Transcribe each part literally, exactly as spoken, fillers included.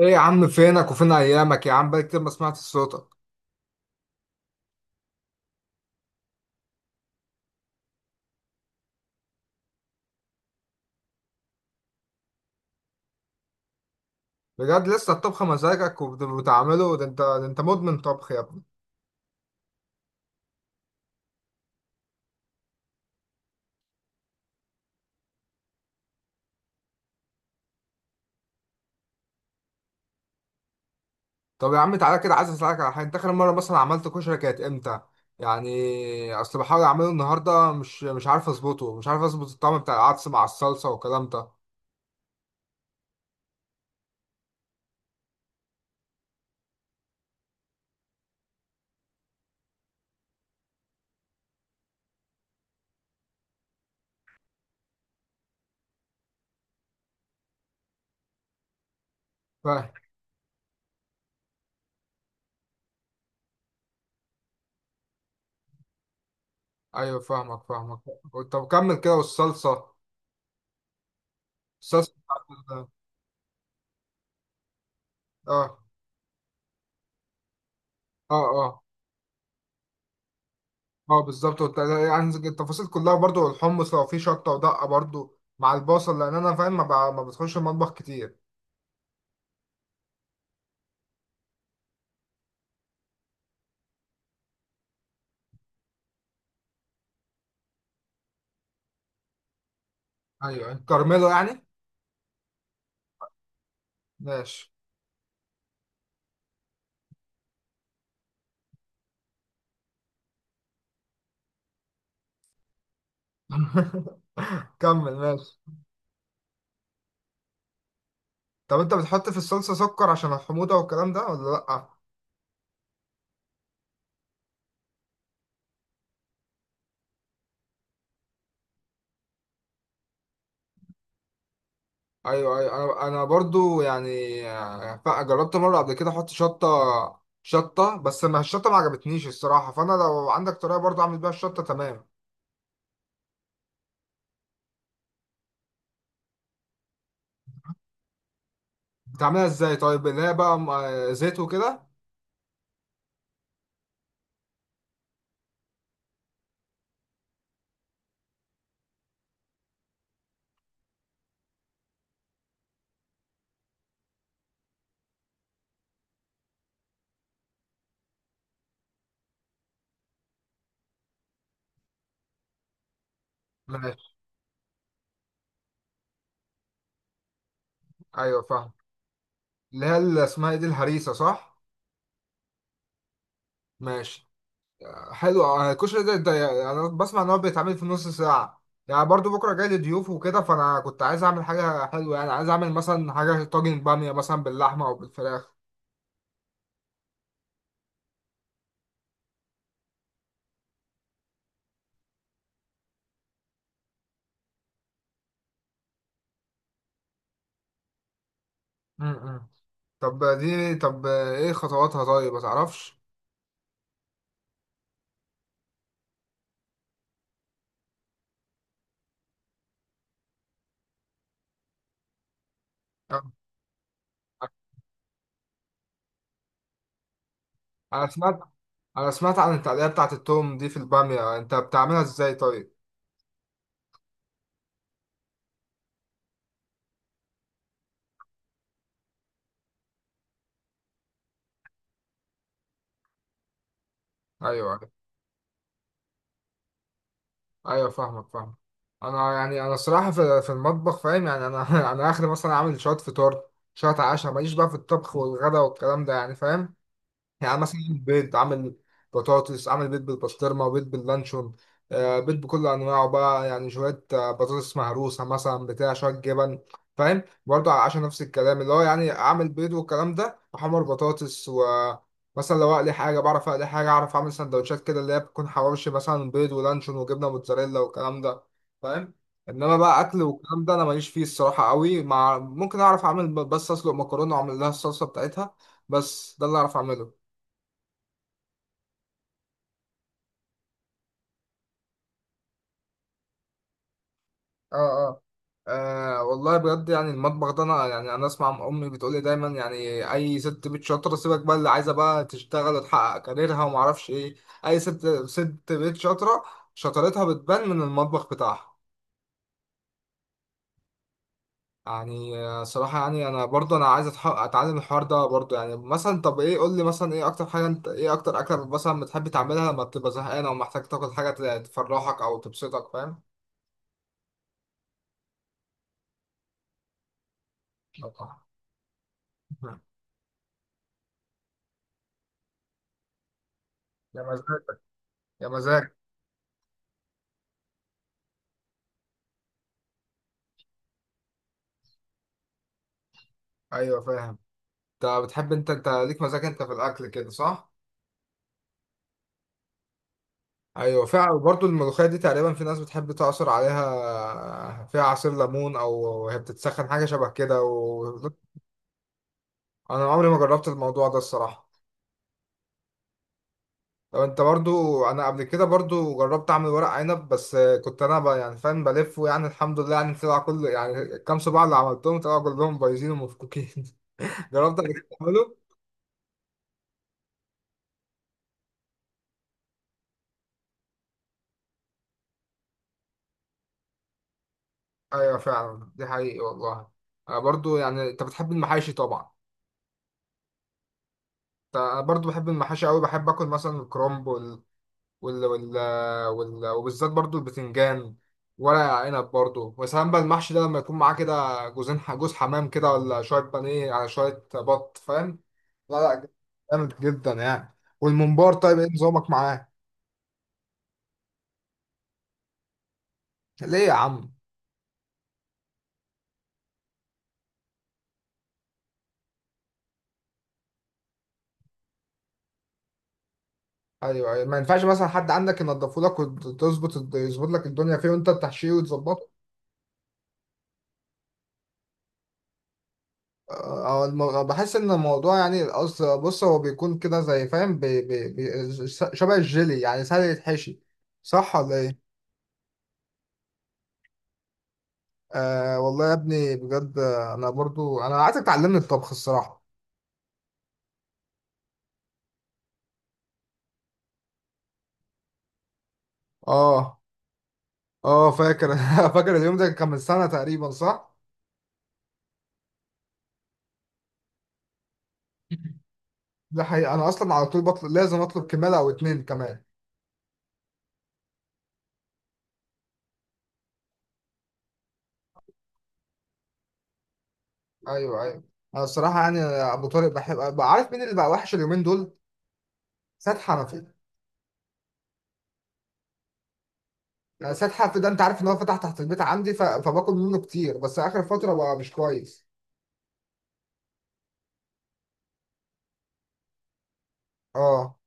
ايه يا عم، فينك وفين ايامك؟ يا عم بقالي كتير ما سمعت صوتك. بجد؟ لسه الطبخ مزاجك وبتعمله؟ ده انت ده انت مدمن طبخ يا ابني. طب يا عم، تعالى كده عايز اسالك على حاجه. انت اخر مره مثلا عملت كشري كانت امتى؟ يعني اصل بحاول اعمله النهارده، مش مش عارف اظبطه، مش عارف اظبط الطعم بتاع العدس مع الصلصه والكلام ده. فاهم. ايوه فاهمك فاهمك. طب كمل كده، والصلصه. الصلصه بتاعت. ال- اه اه. اه اه، بالظبط. والت- يعني التفاصيل كلها برضو، الحمص لو فيه شطه ودقه برضو مع البصل، لان انا فاهم ما, ب- ما بتخش المطبخ كتير. ايوه، كرمله يعني. ماشي. كمل. ماشي. طب انت بتحط في الصلصه سكر عشان الحموضه والكلام ده، ولا لا؟ ايوه ايوه. انا انا برضو يعني آه، ف- جربت مره قبل كده احط شطه. شطه. بس ما الشطه ما عجبتنيش الصراحه، فانا لو عندك طريقه برضو اعمل بيها الشطه تمام. بتعملها ازاي طيب؟ اللي هي بقى م- آه، زيت وكده. ماشي. ايوه فاهم. اللي هي اللي اسمها ايه دي، الهريسه، صح؟ ماشي. حلو. آه، الكشري ده, ده يعني انا بسمع ان هو بيتعمل في نص ساعه يعني، برضو بكره جاي لي ضيوف وكده، فانا كنت عايز اعمل حاجه حلوه، يعني عايز اعمل مثلا حاجه طاجن باميه مثلا باللحمه او بالفراخ. امم. طب دي طب ايه خطواتها؟ طيب ما تعرفش. آه، انا سمعت انا سمعت عن التقليه بتاعه التوم دي في الباميه، انت بتعملها ازاي طيب؟ ايوه أيوه. ايوه فاهمك فاهمك. انا يعني انا الصراحه في في المطبخ فاهم يعني انا انا اخر مثلا اعمل شويه فطار، شويه عشاء. ماليش بقى في الطبخ والغدا والكلام ده يعني، فاهم. يعني مثلا، بيض عامل، بطاطس، عامل بيض بالبسطرمة، بيض باللانشون، آه، بيض بكل أنواعه بقى يعني، شوية آه، بطاطس مهروسة مثلا، بتاع شوية جبن. فاهم. برضه على العشاء نفس الكلام، اللي هو يعني عامل بيض والكلام ده، وحمر بطاطس و. مثلا لو أقلي حاجة بعرف أقلي حاجة، أعرف أعمل سندوتشات كده اللي هي بتكون حواوشي مثلا، بيض ولانشون وجبنة موتزاريلا والكلام ده. فاهم. إنما بقى أكل والكلام ده أنا ماليش فيه الصراحة قوي، مع ممكن أعرف أعمل بس أسلق مكرونة وأعمل لها الصلصة بتاعتها. بس ده اللي أعرف أعمله. اه اه. آه، والله بجد يعني، المطبخ ده انا يعني انا اسمع امي بتقول لي دايما يعني، اي ست بيت شاطره، سيبك بقى اللي عايزه بقى تشتغل وتحقق كاريرها وما اعرفش ايه. اي ست ست بيت شاطره، شطارتها بتبان من المطبخ بتاعها. يعني آه، صراحه يعني انا برضه انا عايز أتح- اتعلم الحوار ده برضه، يعني مثلا طب ايه، قول لي مثلا ايه اكتر حاجه انت ايه اكتر اكله مثلا بتحب تعملها لما بتبقى زهقان او محتاج تاكل حاجه ت- تفرحك او تبسطك؟ فاهم. آه. يا مزاجك! يا مزاجك! ايوه فاهم. انت بتحب انت انت ليك مزاج انت في الاكل كده، صح؟ ايوه فعلا، برضو الملوخيه دي تقريبا في ناس بتحب تعصر عليها، فيها عصير ليمون، او هي بتتسخن حاجه شبه كده و... انا عمري ما جربت الموضوع ده الصراحه. لو انت برضو انا قبل كده برضو جربت اعمل ورق عنب، بس. كنت انا بقى يعني فاهم بلف، ويعني الحمد لله يعني طلع كل يعني الكام صباع اللي عملتهم طلعوا كلهم بايظين ومفكوكين. جربت قبل كده تعمله؟ ايوه فعلا، دي حقيقي والله. انا برضو يعني، انت بتحب المحاشي طبعا. أنا برضو بحب المحاشي قوي، بحب اكل مثلا الكرنب وال... وال... وال... وال... وبالذات برضو البتنجان، ورق عنب برضو، وسلام بقى. المحشي ده لما يكون معاه كده جوزين ح- جوز حمام كده، ولا شويه بانيه، على شويه بط، فاهم. لا لا. جامد جدا يعني. والممبار طيب، ايه نظامك معاه؟ ليه يا عم؟ ايوه أيوة. ما ينفعش مثلا حد عندك ينضفه لك، وتظبط يظبط لك الدنيا فيه، وانت تحشيه وتظبطه. اه، الم- آه، بحس ان الموضوع يعني، القصد، بص هو بيكون كده زي فاهم، بي بي بي ش- شبه الجيلي، يعني سهل يتحشي. صح ولا ايه؟ آه والله يا ابني بجد، آه، انا برضو انا عايزك تعلمني الطبخ الصراحة. اه اه. فاكر، فاكر اليوم ده كان من سنة تقريبا، صح؟ ده حقيقة، انا اصلا على طول بطلب، لازم اطلب كمالة او اتنين كمان. ايوه ايوه. انا الصراحة يعني ابو طارق بحب بقى. عارف مين اللي بقى وحش اليومين دول؟ سيد حنفي. يعني سيد حرف ده، انت عارف ان هو فتح تحت البيت عندي، ف... فباكل منه كتير، بس اخر فتره بقى مش كويس. اه.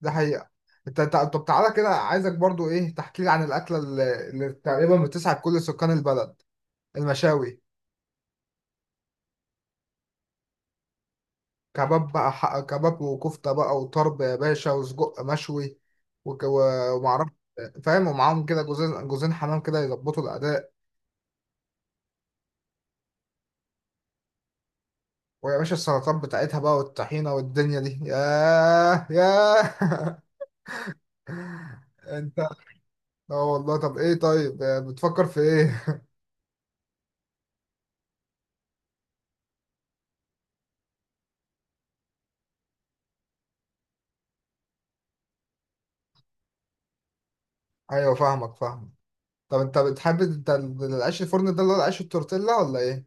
ده حقيقه. انت انت طب تعالى كده، عايزك برضو ايه تحكي لي عن الاكله اللي, اللي تقريبا بتسعد كل سكان البلد. المشاوي. كباب بقى، ح- كباب وكفته بقى وطرب يا باشا وسجق مشوي، وك... و- ومعرفش، فاهم. ومعاهم كده جوزين جوزين حمام كده يظبطوا الاداء. ويا باشا السلطات بتاعتها بقى، والطحينه، والدنيا دي، ياه ياه! انت. اه والله، طب ايه طيب، آه، بتفكر في ايه؟ ايوه فاهمك فاهمك. طب انت بتحب انت ال- العيش الفرن ده اللي هو العيش التورتيلا، ولا ايه؟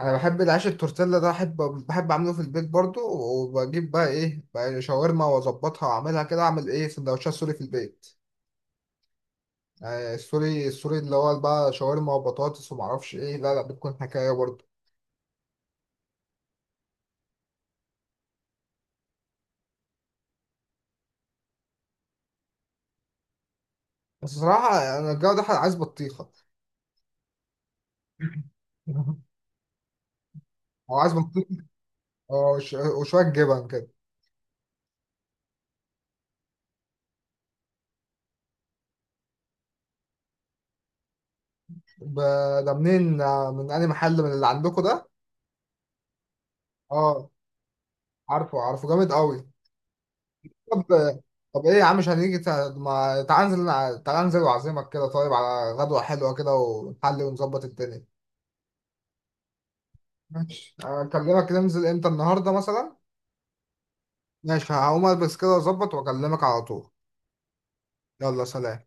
انا بحب العيش التورتيلا ده، احب. بحب اعمله في البيت برضو، وبجيب بقى ايه بقى شاورما واظبطها واعملها كده، اعمل ايه؟ سندوتشات سوري في البيت. يعني السوري السوري اللي هو بقى شاورما وبطاطس ومعرفش ايه، لا لا، بتكون حكايه برضو. بس صراحه، انا الجو ده عايز بطيخه. او عايز بطيخه، اه، وش- وشويه جبن كده. ب- ده منين، آه، من أي محل، من اللي عندكم ده؟ اه عارفه عارفه، جامد قوي. طب طب ايه يا عم، مش هنيجي؟ تع- ما تعال انزل، تعال انزل واعزمك كده طيب على غدوة حلوة كده، ونحل ونظبط الدنيا. ماشي، اكلمك. ننزل امتى؟ النهارده مثلا. ماشي، هقوم البس كده واظبط واكلمك على طول. يلا سلام.